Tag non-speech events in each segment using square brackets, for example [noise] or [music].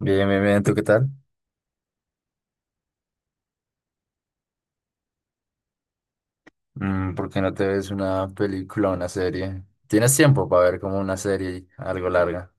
Bien, bien, bien, ¿tú qué tal? ¿Por qué no te ves una película o una serie? ¿Tienes tiempo para ver como una serie algo larga?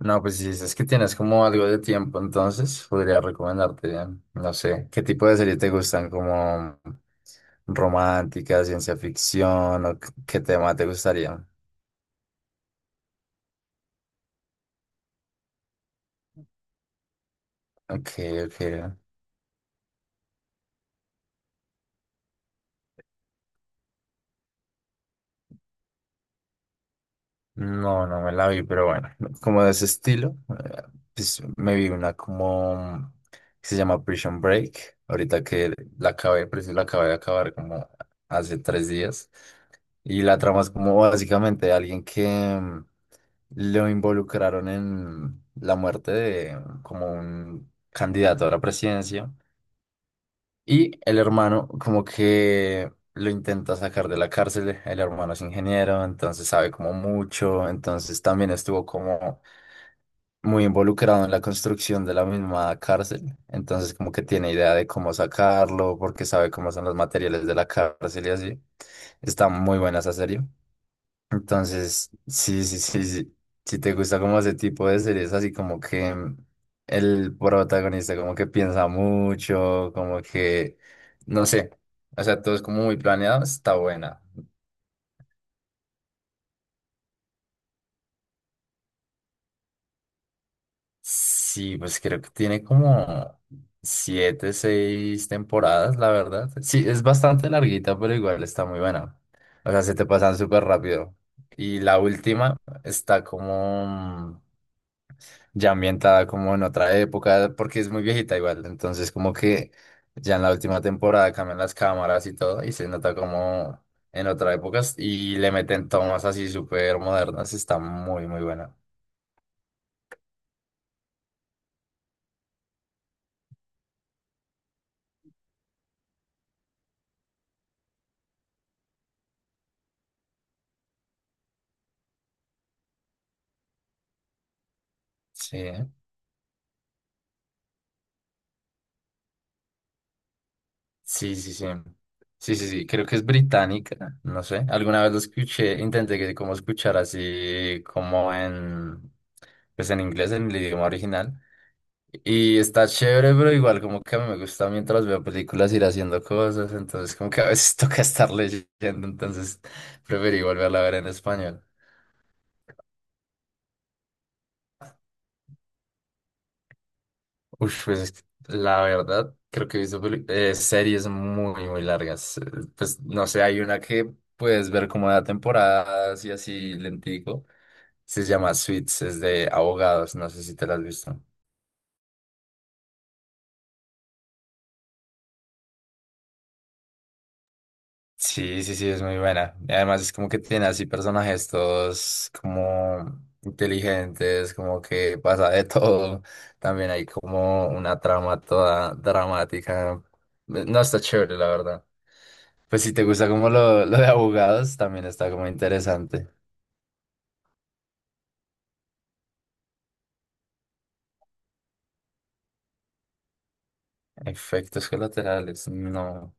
No, pues si dices que tienes como algo de tiempo, entonces podría recomendarte, no sé, ¿qué tipo de serie te gustan? ¿Como romántica, ciencia ficción o qué tema te gustaría? Ok, ok. No, no me la vi, pero bueno, como de ese estilo, eh, pues me vi una como que se llama Prison Break, ahorita que la acabé, preciso la acabé de acabar como hace tres días, y la trama es como básicamente alguien que mm, lo involucraron en la muerte de como un candidato a la presidencia, y el hermano como que lo intenta sacar de la cárcel, el hermano es ingeniero, entonces sabe como mucho, entonces también estuvo como muy involucrado en la construcción de la misma cárcel, entonces como que tiene idea de cómo sacarlo, porque sabe cómo son los materiales de la cárcel y así. Está muy buena esa serie. Entonces, sí, sí, sí, sí. Si te gusta como ese tipo de series, así como que el protagonista como que piensa mucho, como que, no sé, o sea, todo es como muy planeado, está buena. Sí, pues creo que tiene como siete, seis temporadas, la verdad. Sí, es bastante larguita, pero igual está muy buena. O sea, se te pasan súper rápido. Y la última está como ya ambientada como en otra época, porque es muy viejita igual. Entonces, como que ya en la última temporada cambian las cámaras y todo, y se nota como en otra época y le meten tomas así súper modernas. Está muy, muy buena. Sí, ¿eh? Sí, sí, sí. Sí, sí, sí, creo que es británica, no sé. Alguna vez lo escuché, intenté que como escuchar así como en, pues en inglés, en el idioma original. Y está chévere, pero igual como que a mí me gusta mientras veo películas ir haciendo cosas, entonces como que a veces [laughs] toca estar leyendo, entonces preferí volverla a ver en español. Uf, pues es que la verdad, creo que he visto series muy, muy largas. Pues no sé, hay una que puedes ver como de temporadas y así lentico. Se llama Suits, es de abogados, no sé si te la has visto. Sí, sí, sí, es muy buena. Y además es como que tiene así personajes todos como inteligentes, como que pasa de [laughs] todo. También hay como una trama toda dramática. No está chévere, la verdad. Pues si te gusta como lo de abogados, también está como interesante. Efectos colaterales, no.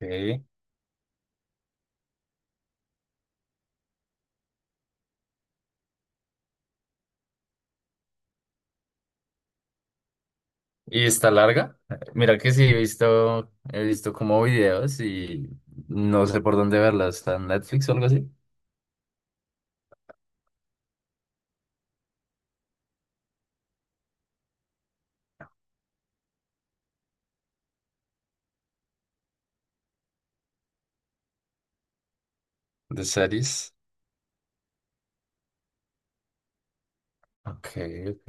Ok. ¿Y está larga? Mira que sí, he visto como videos y no sé por dónde verla. ¿Está en Netflix o algo así? ¿De series? Ok, ok.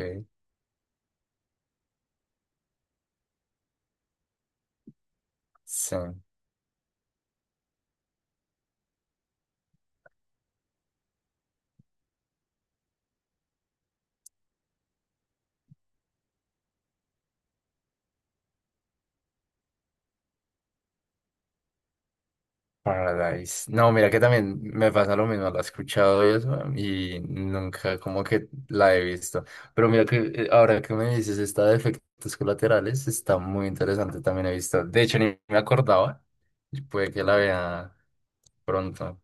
Sun Paradise. No, mira que también me pasa lo mismo, la he escuchado y eso, y nunca como que la he visto. Pero mira que ahora que me dices esta de efectos colaterales, está muy interesante, también he visto. De hecho, ni me acordaba, y puede que la vea pronto.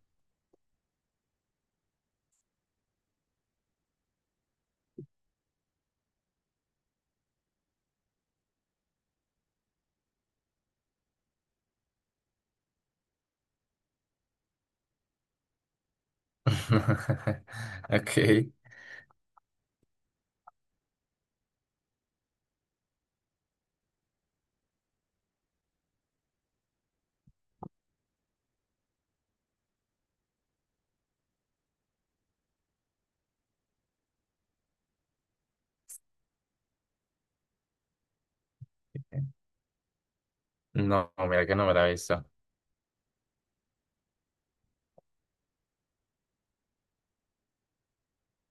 [laughs] Ok. No, mira que no me la he visto.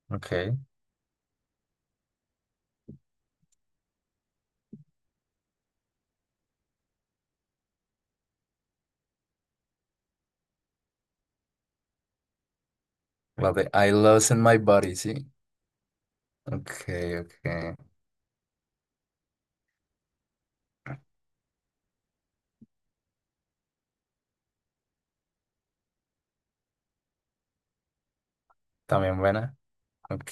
Ok. La de I Lost in My Body, sí. Ok, ok. También buena. Ok.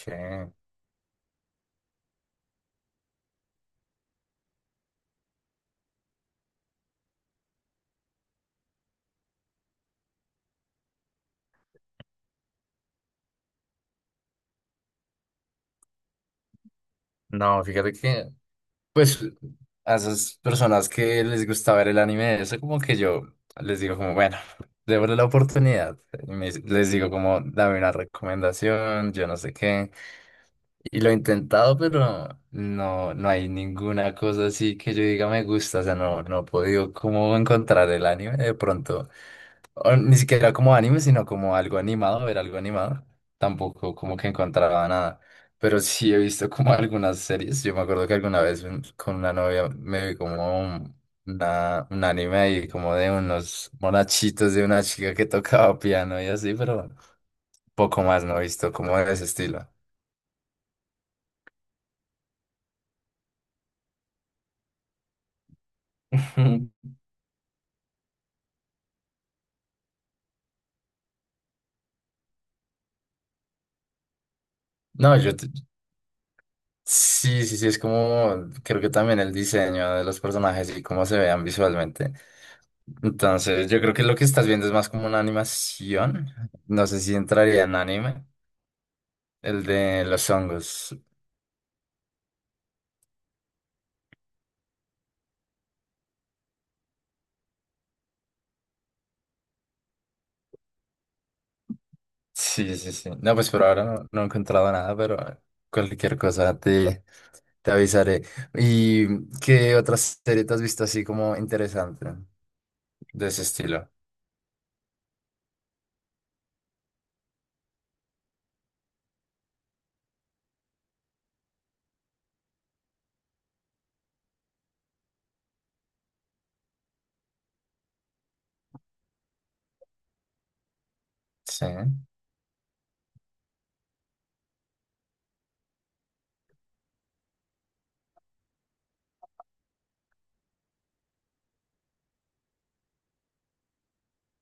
No, fíjate que pues a esas personas que les gusta ver el anime, eso como que yo les digo como, bueno, [laughs] démosle la oportunidad. Les digo como, dame una recomendación, yo no sé qué. Y lo he intentado, pero no, no hay ninguna cosa así que yo diga me gusta. O sea, no, no he podido como encontrar el anime de pronto o ni siquiera como anime, sino como algo animado, ver algo animado. Tampoco como que encontraba nada. Pero sí he visto como [laughs] algunas series. Yo me acuerdo que alguna vez con una novia me vi como un anime ahí como de unos monachitos de una chica que tocaba piano y así, pero poco más no he visto como de ese estilo. [laughs] Ujú. No, yo te- sí, sí, sí, es como, creo que también el diseño de los personajes y cómo se vean visualmente. Entonces, yo creo que lo que estás viendo es más como una animación. No sé si entraría en anime, el de los hongos. Sí, sí, sí. No, pues por ahora no, no he encontrado nada, pero cualquier te avisaré. ¿Y qué otras series te has visto así como interesante de ese estilo? Sí,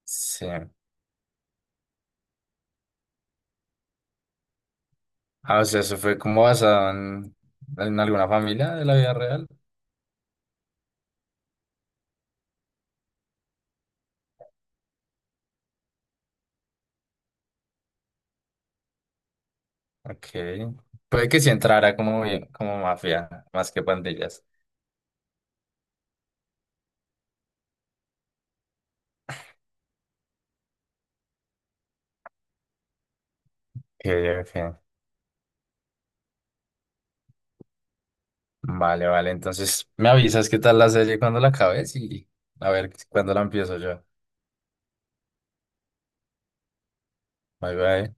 sí. Ah, o sea, eso fue como basado en alguna familia de la vida real. Ok. Puede que sí entrara como, como mafia, más que pandillas. Ok, ok. Vale, vale. Entonces me avisas qué tal la serie cuando la acabes y a ver cuándo la empiezo yo. Bye, bye.